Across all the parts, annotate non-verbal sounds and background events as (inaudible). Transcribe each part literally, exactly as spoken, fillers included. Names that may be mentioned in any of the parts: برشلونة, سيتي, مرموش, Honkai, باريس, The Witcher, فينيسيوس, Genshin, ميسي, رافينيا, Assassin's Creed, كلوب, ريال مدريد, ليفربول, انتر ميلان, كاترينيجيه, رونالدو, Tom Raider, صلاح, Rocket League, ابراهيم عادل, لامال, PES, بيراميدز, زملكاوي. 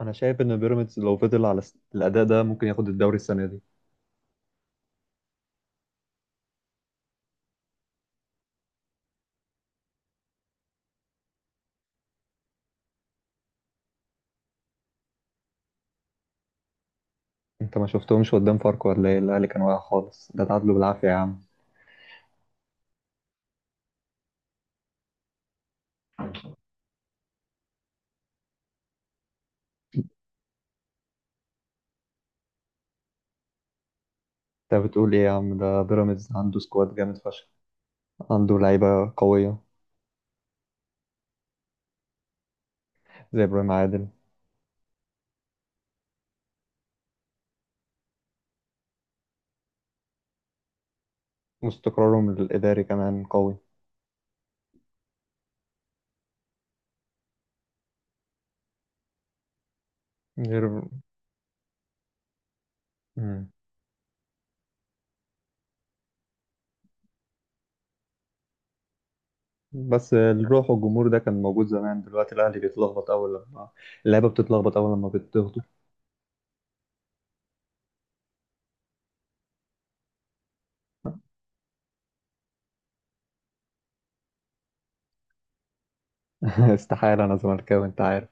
انا شايف ان بيراميدز لو فضل على الس- الاداء ده ممكن ياخد الدوري السنه دي. انت ما شفتهمش قدام فاركو ولا ايه؟ الاهلي كان واقع خالص، ده تعادلوا بالعافيه يا عم. انت بتقول ايه يا عم؟ ده بيراميدز عنده سكواد جامد فشخ، عنده لعيبه قويه زي ابراهيم عادل، واستقرارهم الاداري كمان قوي. غير. مم. بس الروح والجمهور ده كان موجود زمان، دلوقتي الاهلي بيتلخبط اول لما اللعيبه بتتلخبط اول لما بتضغطوا. (laughs) استحاله، انا زملكاوي انت عارف.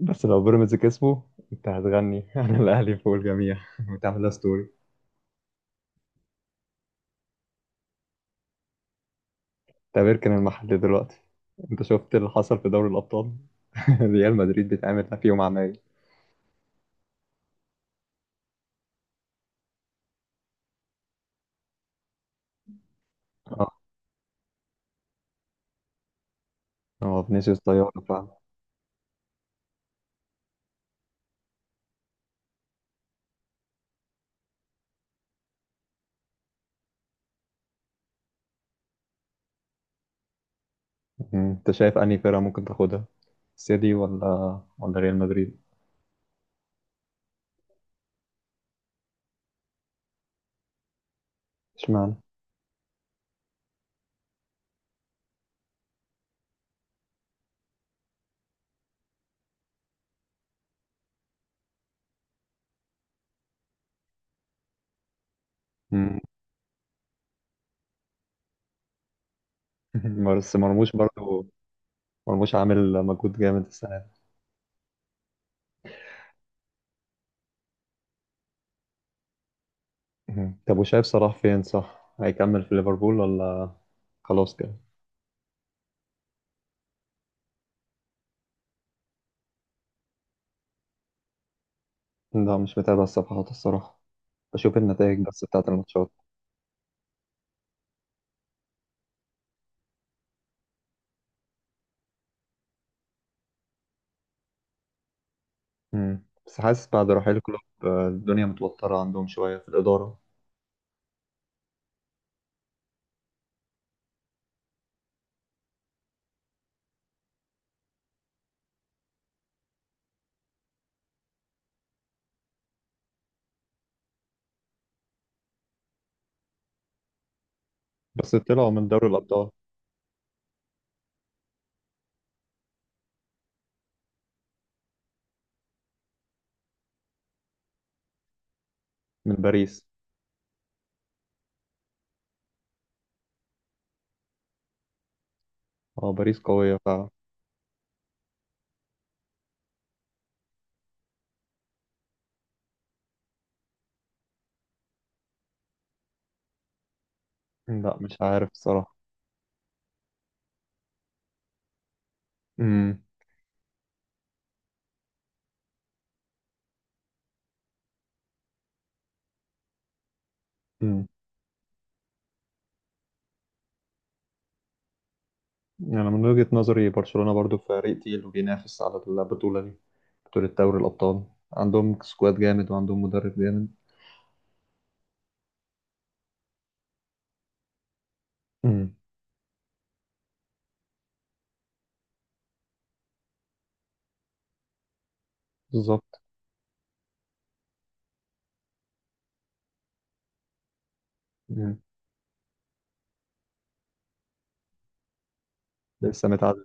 بس لو بيراميدز كسبوا انت هتغني (laughs) انا الاهلي فوق الجميع (laughs) وتعملها ستوري. تعتبر كان المحل دلوقتي. انت شفت اللي حصل في دوري الابطال؟ (laughs) ريال مدريد بتعمل فيهم عمايل. اه، هو فينيسيوس طيارة فعلا. مم. انت شايف انهي فرقة ممكن تاخدها، سيتي ولا ولا ريال مدريد؟ اشمعنى؟ مم. (laughs) بس مرموش برضو. مرموش عامل مجهود جامد السنة دي. مم. طب، وشايف صلاح فين؟ صح هيكمل في ليفربول ولا خلاص كده؟ لا، مش متابع الصفحات الصراحة. بشوف النتائج بس بتاعة الماتشات. مم. بس حاسس بعد رحيل كلوب آه، الدنيا متوترة عندهم شوية في الإدارة. بس طلعوا من دوري الأبطال. من باريس. اه باريس قوية ف لا، مش عارف الصراحة. مم. مم. يعني من وجهة نظري برشلونة برضو فريق تقيل، وبينافس على البطولة دي، بطولة دوري الأبطال. عندهم سكواد جامد وعندهم مدرب جامد. مم. بالظبط. مم. لسه متعادل.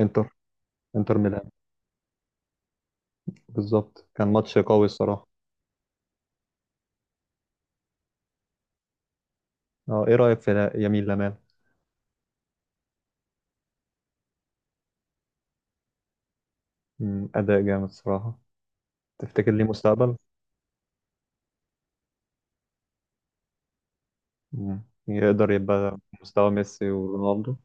انتر. انتر ميلان. بالظبط، كان ماتش قوي الصراحة. اه ايه رأيك في لا- يمين لامال؟ مم، أداء جامد الصراحة. تفتكر ليه مستقبل؟ مم. يقدر يبقى مستوى ميسي ورونالدو؟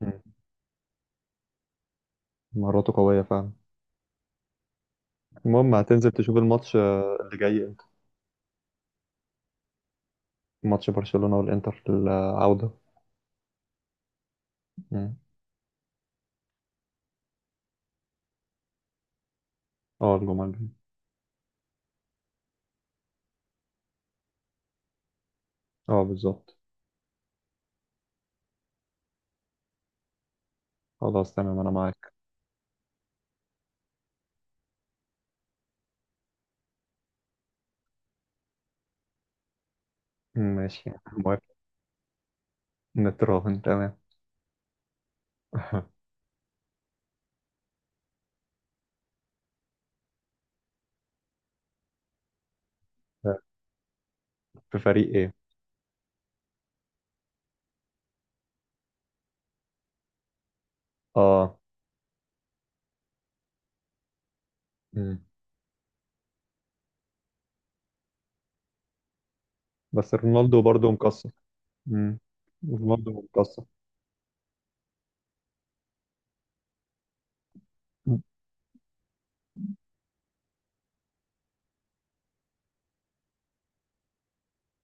مم. مهاراته قوية فعلا. المهم، هتنزل تشوف الماتش آه، اللي جاي امتى؟ ماتش برشلونة والإنتر في العودة. مم. اه الجمعة الجاية. اه بالظبط. خلاص تمام، أنا معاك. مم، ماشي (laughs) موافق. نتراهن، تمام. (laughs) في فريق إيه؟ اه. مم. بس رونالدو برضه مكسر. مم. رونالدو مكسر.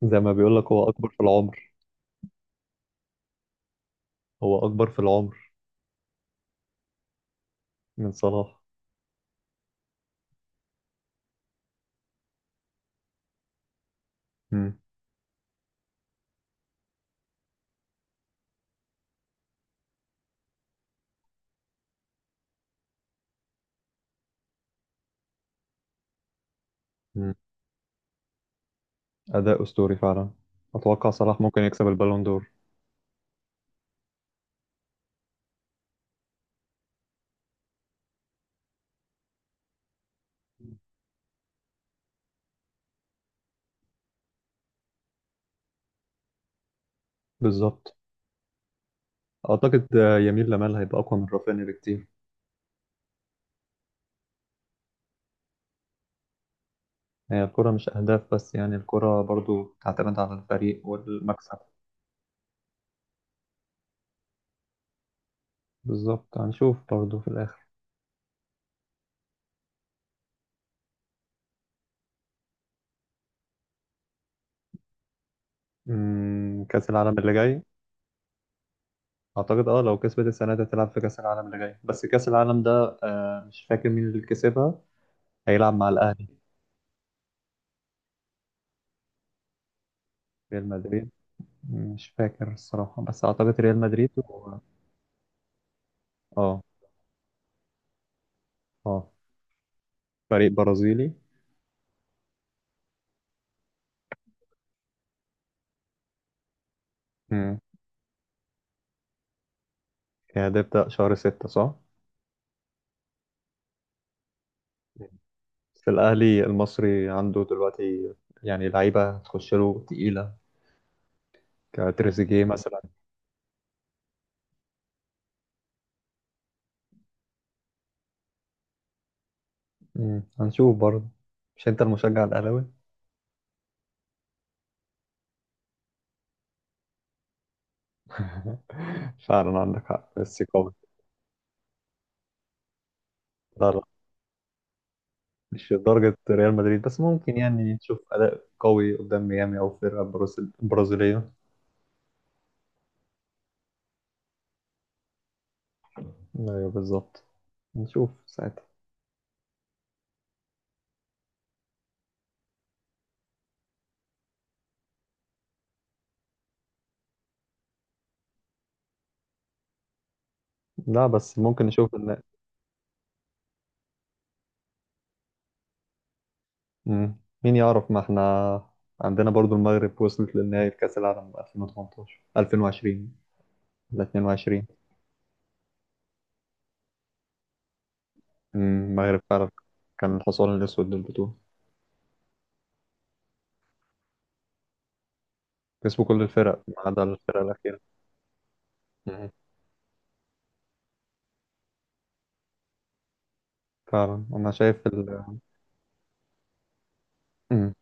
زي ما بيقول لك، هو أكبر في العمر. هو أكبر في العمر من صلاح. مم. مم. أداء أسطوري فعلا. أتوقع صلاح ممكن يكسب البالون دور. بالظبط. أعتقد آه، يمين لمال هيبقى أقوى من رافينيا بكتير. هي الكرة مش أهداف بس يعني، الكرة برضو تعتمد على الفريق والمكسب. بالظبط، هنشوف برضو في الآخر. مم. كأس العالم اللي جاي. أعتقد أه لو كسبت السنة دي هتلعب في كأس العالم اللي جاي، بس كأس العالم ده آه، مش فاكر مين اللي كسبها. هيلعب مع الأهلي. ريال مدريد. مش فاكر الصراحة، بس أعتقد ريال مدريد و... أه. أه. فريق برازيلي. يعني ده يبدأ شهر ستة صح؟ في الأهلي المصري عنده دلوقتي، يعني لعيبة هتخش له تقيلة، كتريزيجيه مثلا. مم. هنشوف برضه. مش أنت المشجع الأهلاوي؟ (laughs) فعلا عندك حق، ميسي قوي. لا لا، مش لدرجة ريال مدريد، بس ممكن يعني نشوف أداء قوي قدام ميامي أو فرقة برازيل- برازيلية. أيوه بالظبط، نشوف ساعتها. لا، بس ممكن نشوف. مم. مين يعرف، ما احنا عندنا برضو المغرب وصلت للنهائي في كأس العالم ألفين وتمنتاشر ألفين وعشرين ولا اتنين وعشرين. مم. المغرب فعلا كان الحصان الأسود للبطولة. كسبوا كل الفرق ما عدا الفرقة الأخيرة. مم. فعلا أنا شايف ال... مم.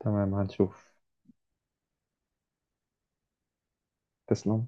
تمام، هنشوف. تسلم.